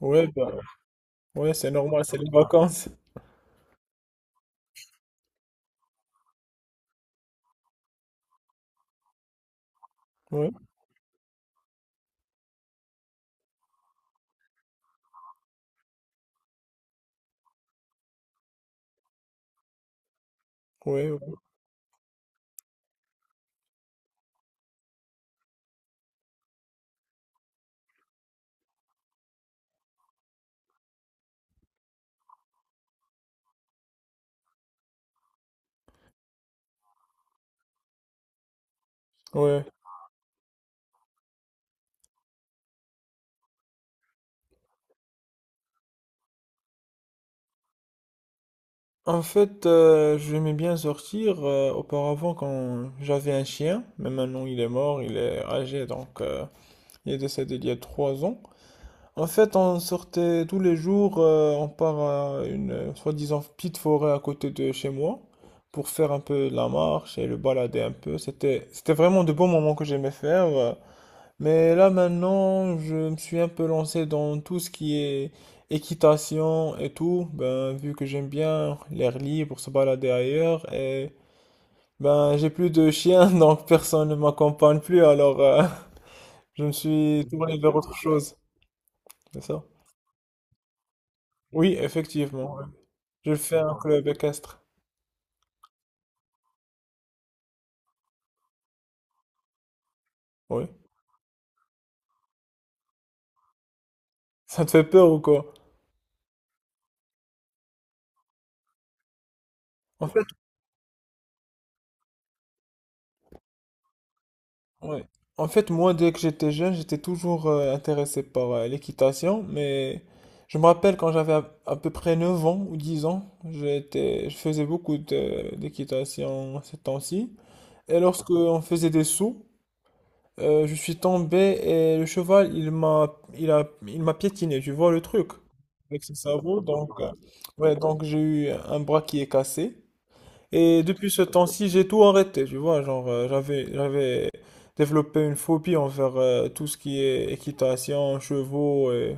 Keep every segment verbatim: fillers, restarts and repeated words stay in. Ouais, bah, ouais, c'est normal, c'est les vacances. Ouais, ouais, ouais. Ouais. En fait, euh, j'aimais bien sortir euh, auparavant quand j'avais un chien, mais maintenant il est mort, il est âgé, donc euh, il est décédé il y a trois ans. En fait, on sortait tous les jours, euh, on part à une euh, soi-disant petite forêt à côté de chez moi pour faire un peu de la marche et le balader un peu. C'était, c'était vraiment de beaux moments que j'aimais faire. euh, Mais là maintenant, je me suis un peu lancé dans tout ce qui est équitation et tout, ben vu que j'aime bien l'air libre, se balader ailleurs et ben j'ai plus de chien donc personne ne m'accompagne plus alors euh, je me suis tourné vers autre chose, c'est ça? Oui, effectivement. Ouais. Je fais un club équestre. Oui. Ça te fait peur ou quoi? En fait, ouais. En fait, moi, dès que j'étais jeune, j'étais toujours euh, intéressé par euh, l'équitation, mais je me rappelle quand j'avais à, à peu près neuf ans ou dix ans, j'étais, je faisais beaucoup de- d'équitation ces temps-ci. Et lorsque on faisait des sauts, euh, je suis tombé et le cheval, il m'a, il a, il m'a piétiné, tu vois le truc, avec ses sabots. Donc, euh, ouais, donc j'ai eu un bras qui est cassé. Et depuis ce temps-ci, j'ai tout arrêté, tu vois, genre euh, j'avais j'avais développé une phobie envers euh, tout ce qui est équitation, chevaux et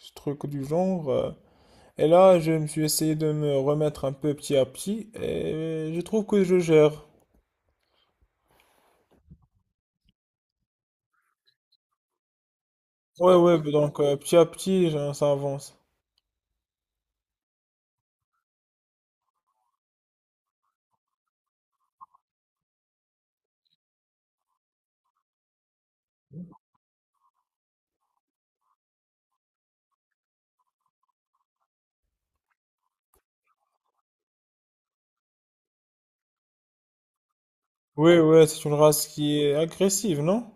ce truc du genre. euh. Et là, je me suis essayé de me remettre un peu petit à petit et je trouve que je gère. Ouais, ouais, donc euh, petit à petit, genre, ça avance. Oui, ouais, c'est une race qui est agressive, non?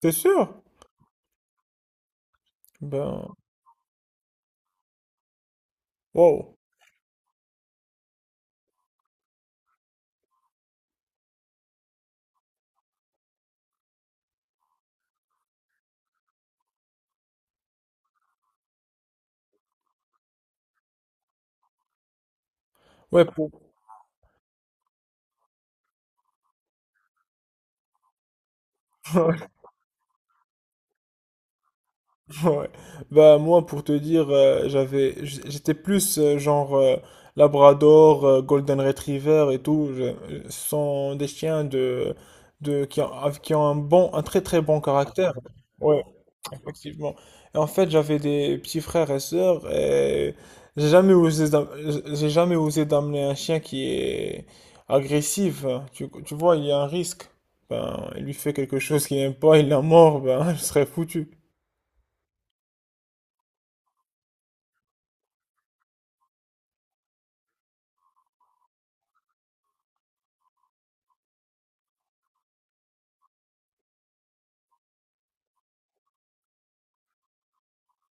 T'es sûr? Ben, wow. Ouais, pour... Ouais. Bah moi pour te dire euh, j'avais j- j'étais plus euh, genre euh, Labrador, euh, Golden Retriever et tout, Je- ce sont des chiens de de qui ont, av- qui ont un bon un très très bon caractère. Ouais, effectivement. Et en fait, j'avais des petits frères et sœurs et j'ai jamais osé d'am- j'ai jamais osé d'amener un chien qui est agressif. Tu, tu vois, il y a un risque. Ben, il lui fait quelque chose qu'il n'aime pas, il l'a mort, ben je serais foutu.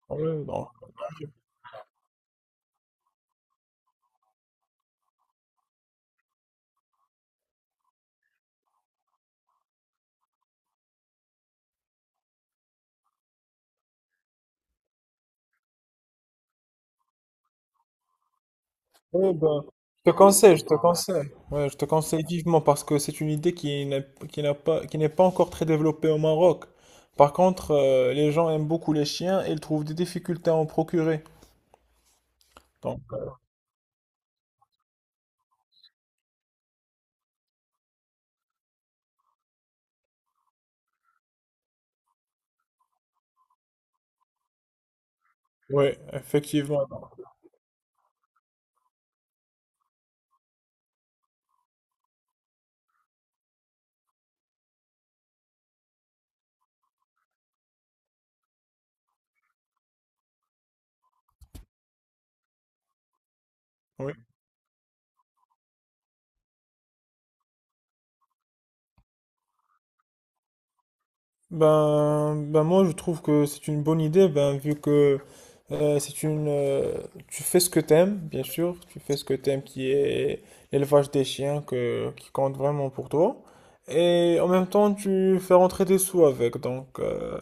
Ouais, non. Ouais, ben, je te conseille, je te conseille. Ouais, je te conseille vivement parce que c'est une idée qui n'est qui n'a pas, qui n'est pas encore très développée au Maroc. Par contre, euh, les gens aiment beaucoup les chiens et ils trouvent des difficultés à en procurer. Donc, ouais, effectivement. Oui. Ben, ben moi je trouve que c'est une bonne idée ben vu que euh, c'est une euh, tu fais ce que t'aimes bien sûr tu fais ce que t'aimes qui est l'élevage des chiens que qui compte vraiment pour toi et en même temps tu fais rentrer des sous avec donc euh,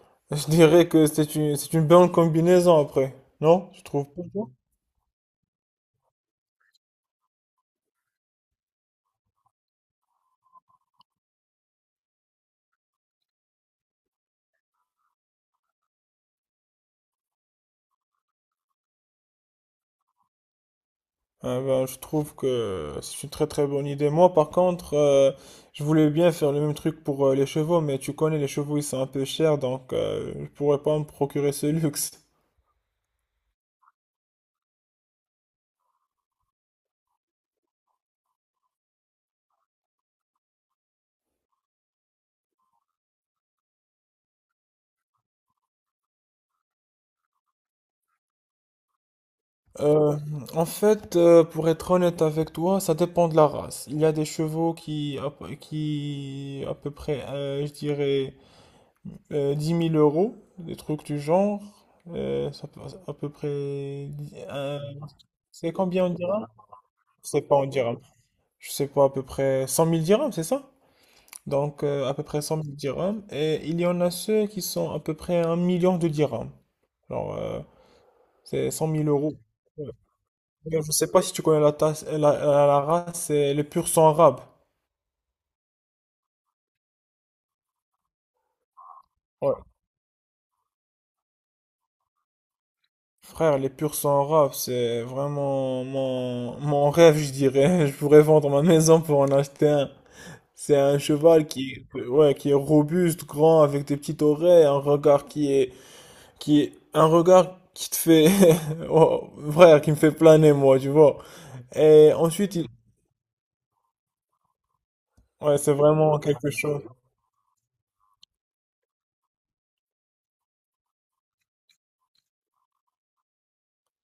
je dirais que c'est une c'est une bonne combinaison après non je trouve pas. Ah ben, je trouve que c'est une très très bonne idée. Moi, par contre, euh, je voulais bien faire le même truc pour euh, les chevaux, mais tu connais, les chevaux, ils sont un peu chers, donc euh, je pourrais pas me procurer ce luxe. Euh, en fait, euh, pour être honnête avec toi, ça dépend de la race. Il y a des chevaux qui, à peu- qui à peu près, euh, je dirais, euh, 10 000 euros, des trucs du genre. Euh, ça peut- à peu près... dix- euh, c'est combien on dira? C'est pas on dira. Je sais pas, à peu près 100 000 dirhams, c'est ça? Donc, euh, à peu près 100 000 dirhams. Et il y en a ceux qui sont à peu près un million de dirhams. Alors, euh, c'est 100 000 euros. Ouais. D'ailleurs, je sais pas si tu connais la, tasse- la, la- la race, c'est le pur sang arabe. Ouais. Frère, les pur sang arabe, c'est vraiment mon, mon rêve, je dirais. Je pourrais vendre ma maison pour en acheter un. C'est un cheval qui, ouais, qui est robuste, grand, avec des petites oreilles, un regard qui est qui est un regard qui te fait oh, frère, qui me fait planer moi tu vois et ensuite il ouais c'est vraiment quelque chose.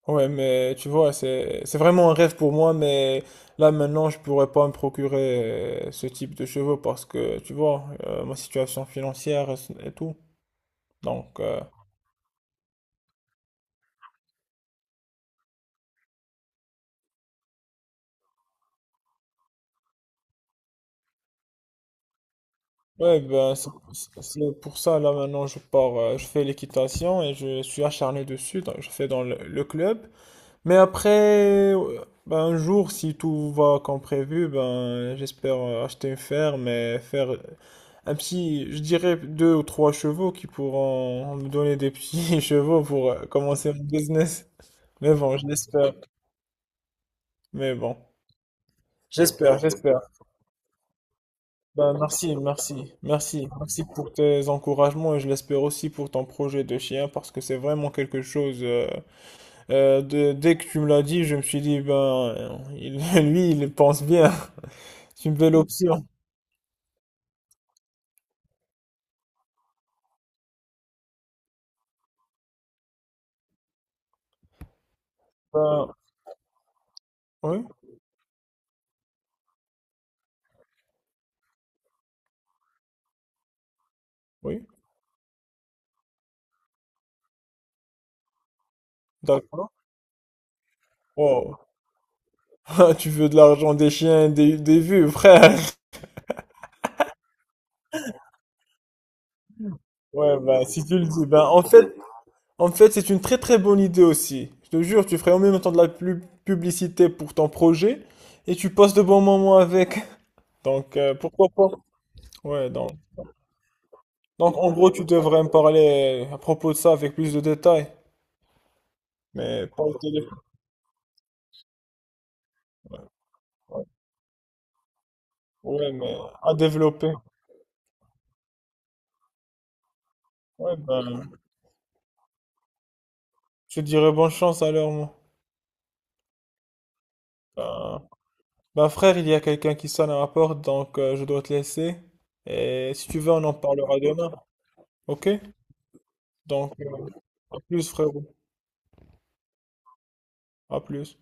Ouais mais tu vois c'est c'est vraiment un rêve pour moi mais là maintenant je pourrais pas me procurer euh, ce type de cheveux parce que tu vois euh, ma situation financière et et tout donc euh, ouais ben c'est c'est pour ça là maintenant je pars euh, je fais l'équitation et je suis acharné dessus donc, je fais dans le le club. Mais après, euh, ben, un jour, si tout va comme prévu, ben, j'espère euh, acheter une ferme et faire euh, un petit, je dirais deux ou trois chevaux qui pourront me donner des petits chevaux pour euh, commencer mon business. Mais bon, je l'espère. Mais bon, j'espère, j'espère. Ben, merci, merci, merci. Merci pour tes encouragements et je l'espère aussi pour ton projet de chien parce que c'est vraiment quelque chose. euh, euh, de- dès que tu me l'as dit, je me suis dit, ben, il- lui, il pense bien. C'est une belle option. Ben, oui, oui, d'accord. Wow. Tu veux de l'argent des chiens, des, des vues, frère. Ouais, ben, si tu le dis. Ben, en fait, en fait, c'est une très très bonne idée aussi. Je te jure, tu ferais en même temps de la pub- publicité pour ton projet et tu passes de bons moments avec. Donc, euh, pourquoi pas? Ouais, donc, donc, en gros, tu devrais me parler à propos de ça avec plus de détails. Mais pas au téléphone. Ouais, ouais, mais à développer. Ouais, ben, je te dirais bonne chance alors, moi. Ben, ben frère, il y a quelqu'un qui sonne à ma porte, donc euh, je dois te laisser. Et si tu veux, on en parlera demain. Ok? Donc, euh, à plus frérot. À plus.